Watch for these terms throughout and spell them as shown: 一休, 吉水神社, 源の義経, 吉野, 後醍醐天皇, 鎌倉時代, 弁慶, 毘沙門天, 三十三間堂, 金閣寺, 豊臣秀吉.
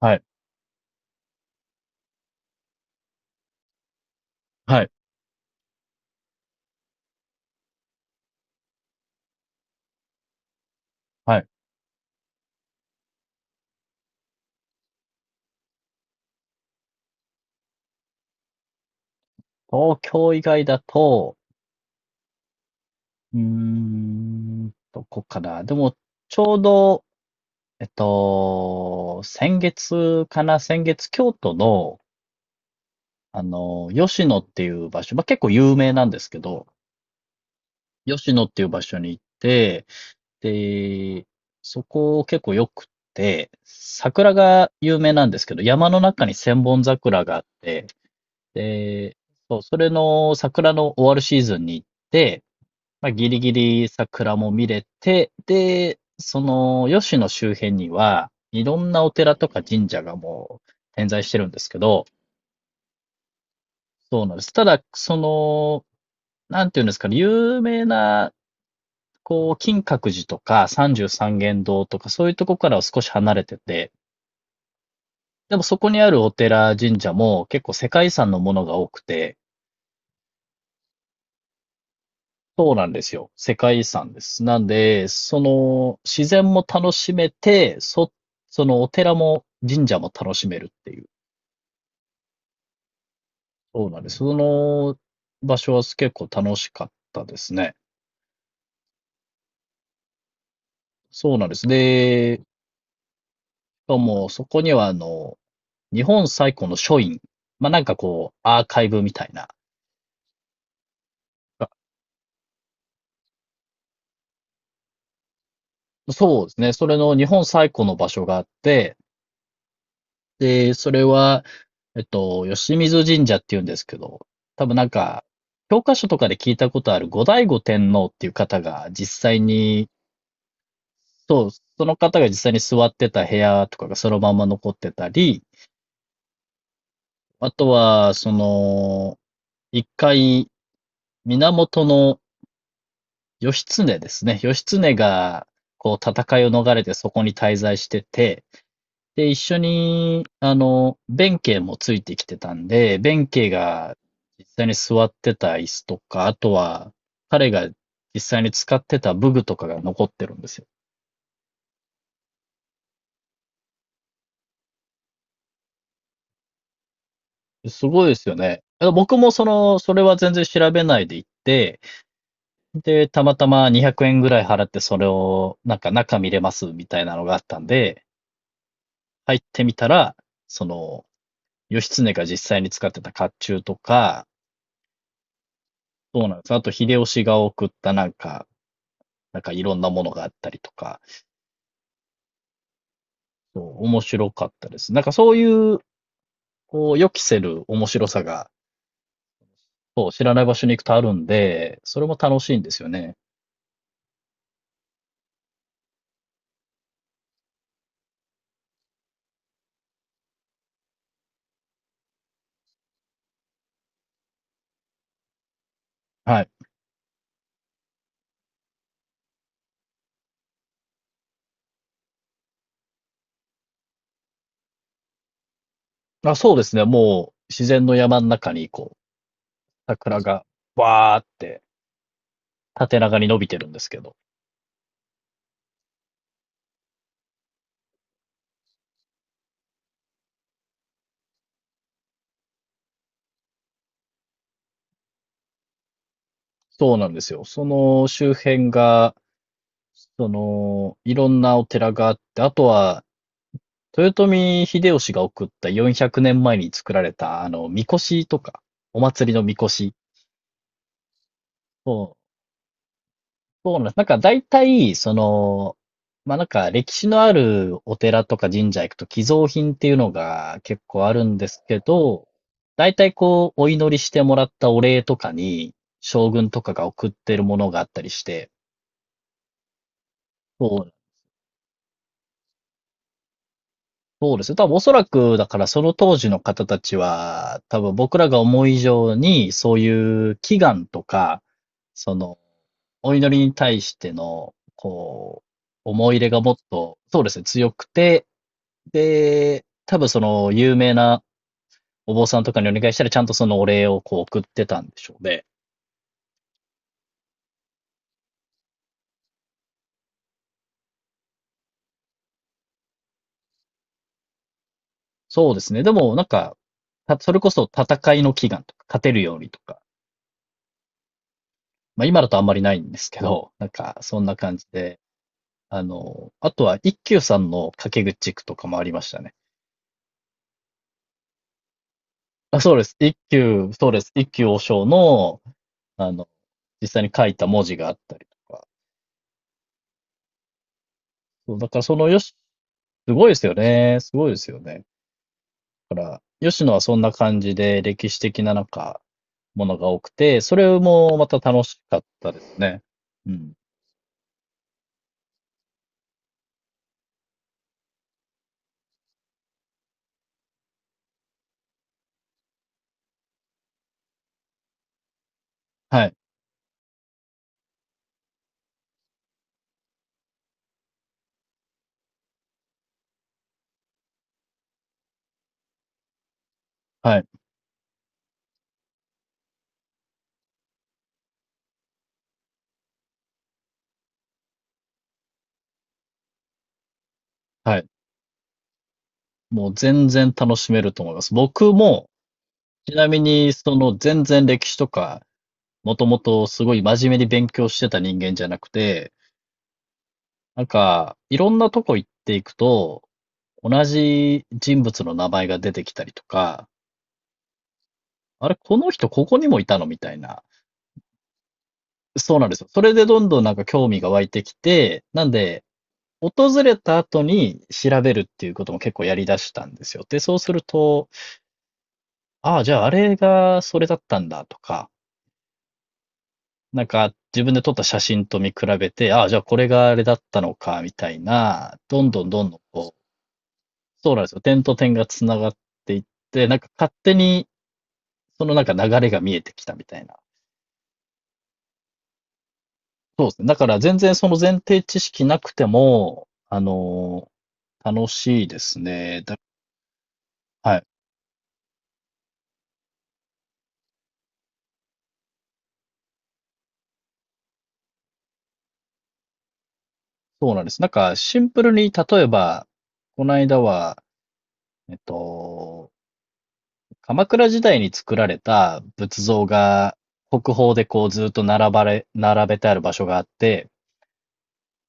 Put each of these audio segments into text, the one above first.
はい、はい、はい。東京以外だと、うーん、どこかな。でも、ちょうど、先月かな、先月、京都の、吉野っていう場所、まあ、結構有名なんですけど、吉野っていう場所に行って、で、そこ結構良くて、桜が有名なんですけど、山の中に千本桜があって、で、そう、それの桜の終わるシーズンに行って、まあ、ギリギリ桜も見れて、で、その、吉野周辺には、いろんなお寺とか神社がもう点在してるんですけど、そうなんです。ただ、その、なんていうんですかね、有名な、こう、金閣寺とか三十三間堂とか、そういうとこからは少し離れてて、でもそこにあるお寺、神社も結構世界遺産のものが多くて、そうなんですよ。世界遺産です。なんで、その、自然も楽しめて、そのお寺も神社も楽しめるっていう。そうなんです。その場所は結構楽しかったですね。そうなんです。で、しかもそこには日本最古の書院。まあ、なんかこう、アーカイブみたいな。あ、そうですね。それの日本最古の場所があって、で、それは、吉水神社っていうんですけど、多分なんか、教科書とかで聞いたことある後醍醐天皇っていう方が実際に、そう、その方が実際に座ってた部屋とかがそのまま残ってたり、あとは、その、一回、源の義経ですね。義経が、こう、戦いを逃れてそこに滞在してて、で、一緒に、弁慶もついてきてたんで、弁慶が実際に座ってた椅子とか、あとは、彼が実際に使ってた武具とかが残ってるんですよ。すごいですよね。僕もその、それは全然調べないで行って、で、たまたま200円ぐらい払ってそれを、なんか中見れますみたいなのがあったんで、入ってみたら、その、義経が実際に使ってた甲冑とか、そうなんです。あと、秀吉が送ったなんか、なんかいろんなものがあったりとか、そう、面白かったです。なんかそういう、こう、予期せる面白さが、そう、知らない場所に行くとあるんで、それも楽しいんですよね。はい。あ、そうですね。もう、自然の山の中に、こう、桜が、わーって、縦長に伸びてるんですけど。そうなんですよ。その周辺が、その、いろんなお寺があって、あとは、豊臣秀吉が送った400年前に作られた、神輿とか、お祭りの神輿を。そうなんです。なんか大体、その、まあなんか歴史のあるお寺とか神社行くと寄贈品っていうのが結構あるんですけど、大体こうお祈りしてもらったお礼とかに将軍とかが送ってるものがあったりして、そう、そうですね。多分おそらくだからその当時の方たちは多分僕らが思う以上にそういう祈願とか、そのお祈りに対してのこう思い入れがもっと、そうですね、強くて、で、多分その有名なお坊さんとかにお願いしたらちゃんとそのお礼をこう送ってたんでしょうね。そうですね。でもなんか、それこそ戦いの祈願とか、勝てるようにとか、まあ今だとあんまりないんですけど、なんかそんな感じで、あとは一休さんの掛け口句とかもありましたね。あ、そうです。一休、そうです。一休和尚の、あの、実際に書いた文字があったりとか。そう、だからそのすごいですよね。すごいですよね。だから、吉野はそんな感じで歴史的ななんか、ものが多くて、それもまた楽しかったですね。うん。はい。はい。はい。もう全然楽しめると思います。僕も、ちなみに、その全然歴史とか、もともとすごい真面目に勉強してた人間じゃなくて、なんか、いろんなとこ行っていくと、同じ人物の名前が出てきたりとか、あれ、この人ここにもいたのみたいな。そうなんですよ。それでどんどんなんか興味が湧いてきて、なんで、訪れた後に調べるっていうことも結構やりだしたんですよ。で、そうすると、ああ、じゃああれがそれだったんだとか、なんか自分で撮った写真と見比べて、ああ、じゃあこれがあれだったのか、みたいな、どんどんどんどんこう、そうなんですよ。点と点がつながっていって、なんか勝手にそのなんか流れが見えてきたみたいな。そうですね。だから全然その前提知識なくても、楽しいですね。はい。そうなんです。なんかシンプルに、例えば、この間は、えっと、鎌倉時代に作られた仏像が国宝でこうずっと並ばれ、並べてある場所があって、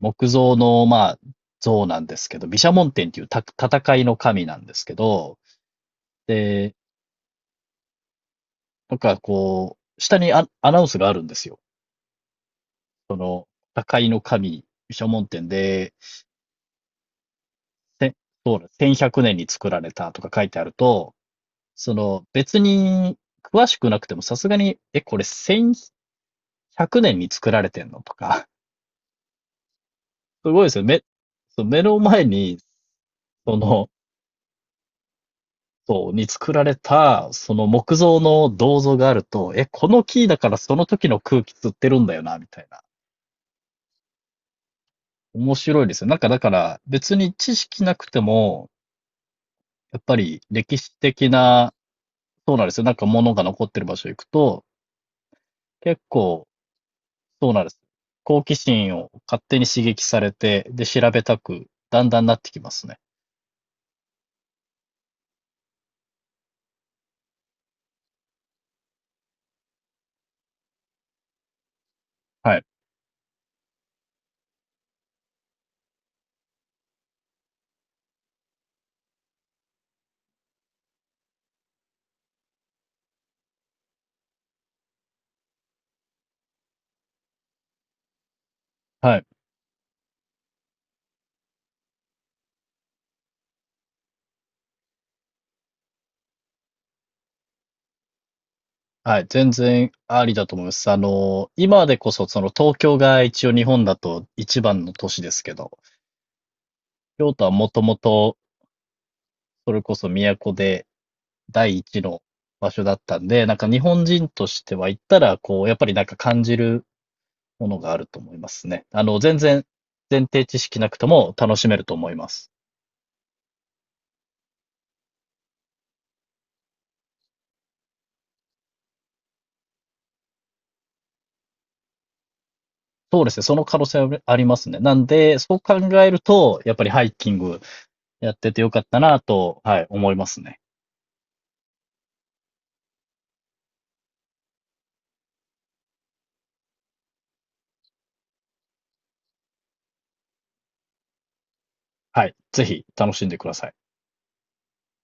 木造の、まあ、像なんですけど、毘沙門天っていうた戦いの神なんですけど、で、なんかこう、下にアナウンスがあるんですよ。その、破壊の神、諸門店で、せそうだ、1100年に作られたとか書いてあると、その、別に詳しくなくてもさすがに、え、これ1100年に作られてんのとか、すごいですよ。そう、目の前に、その、そう、に作られた、その木造の銅像があると、え、この木だからその時の空気吸ってるんだよな、みたいな。面白いですよ。なんかだから、別に知識なくても、やっぱり歴史的な。そうなんですよ。なんか物が残ってる場所行くと、結構、そうなんです。好奇心を勝手に刺激されて、で、調べたく、だんだんなってきますね。はい。はい。はい。全然ありだと思います。今でこそ、その東京が一応日本だと一番の都市ですけど、京都はもともと、それこそ都で第一の場所だったんで、なんか日本人としては行ったら、こう、やっぱりなんか感じるものがあると思いますね。全然前提知識なくても楽しめると思います。そうですね。その可能性はありますね。なんで、そう考えると、やっぱりハイキングやっててよかったなと、はい、思いますね。はい。ぜひ楽しんでください。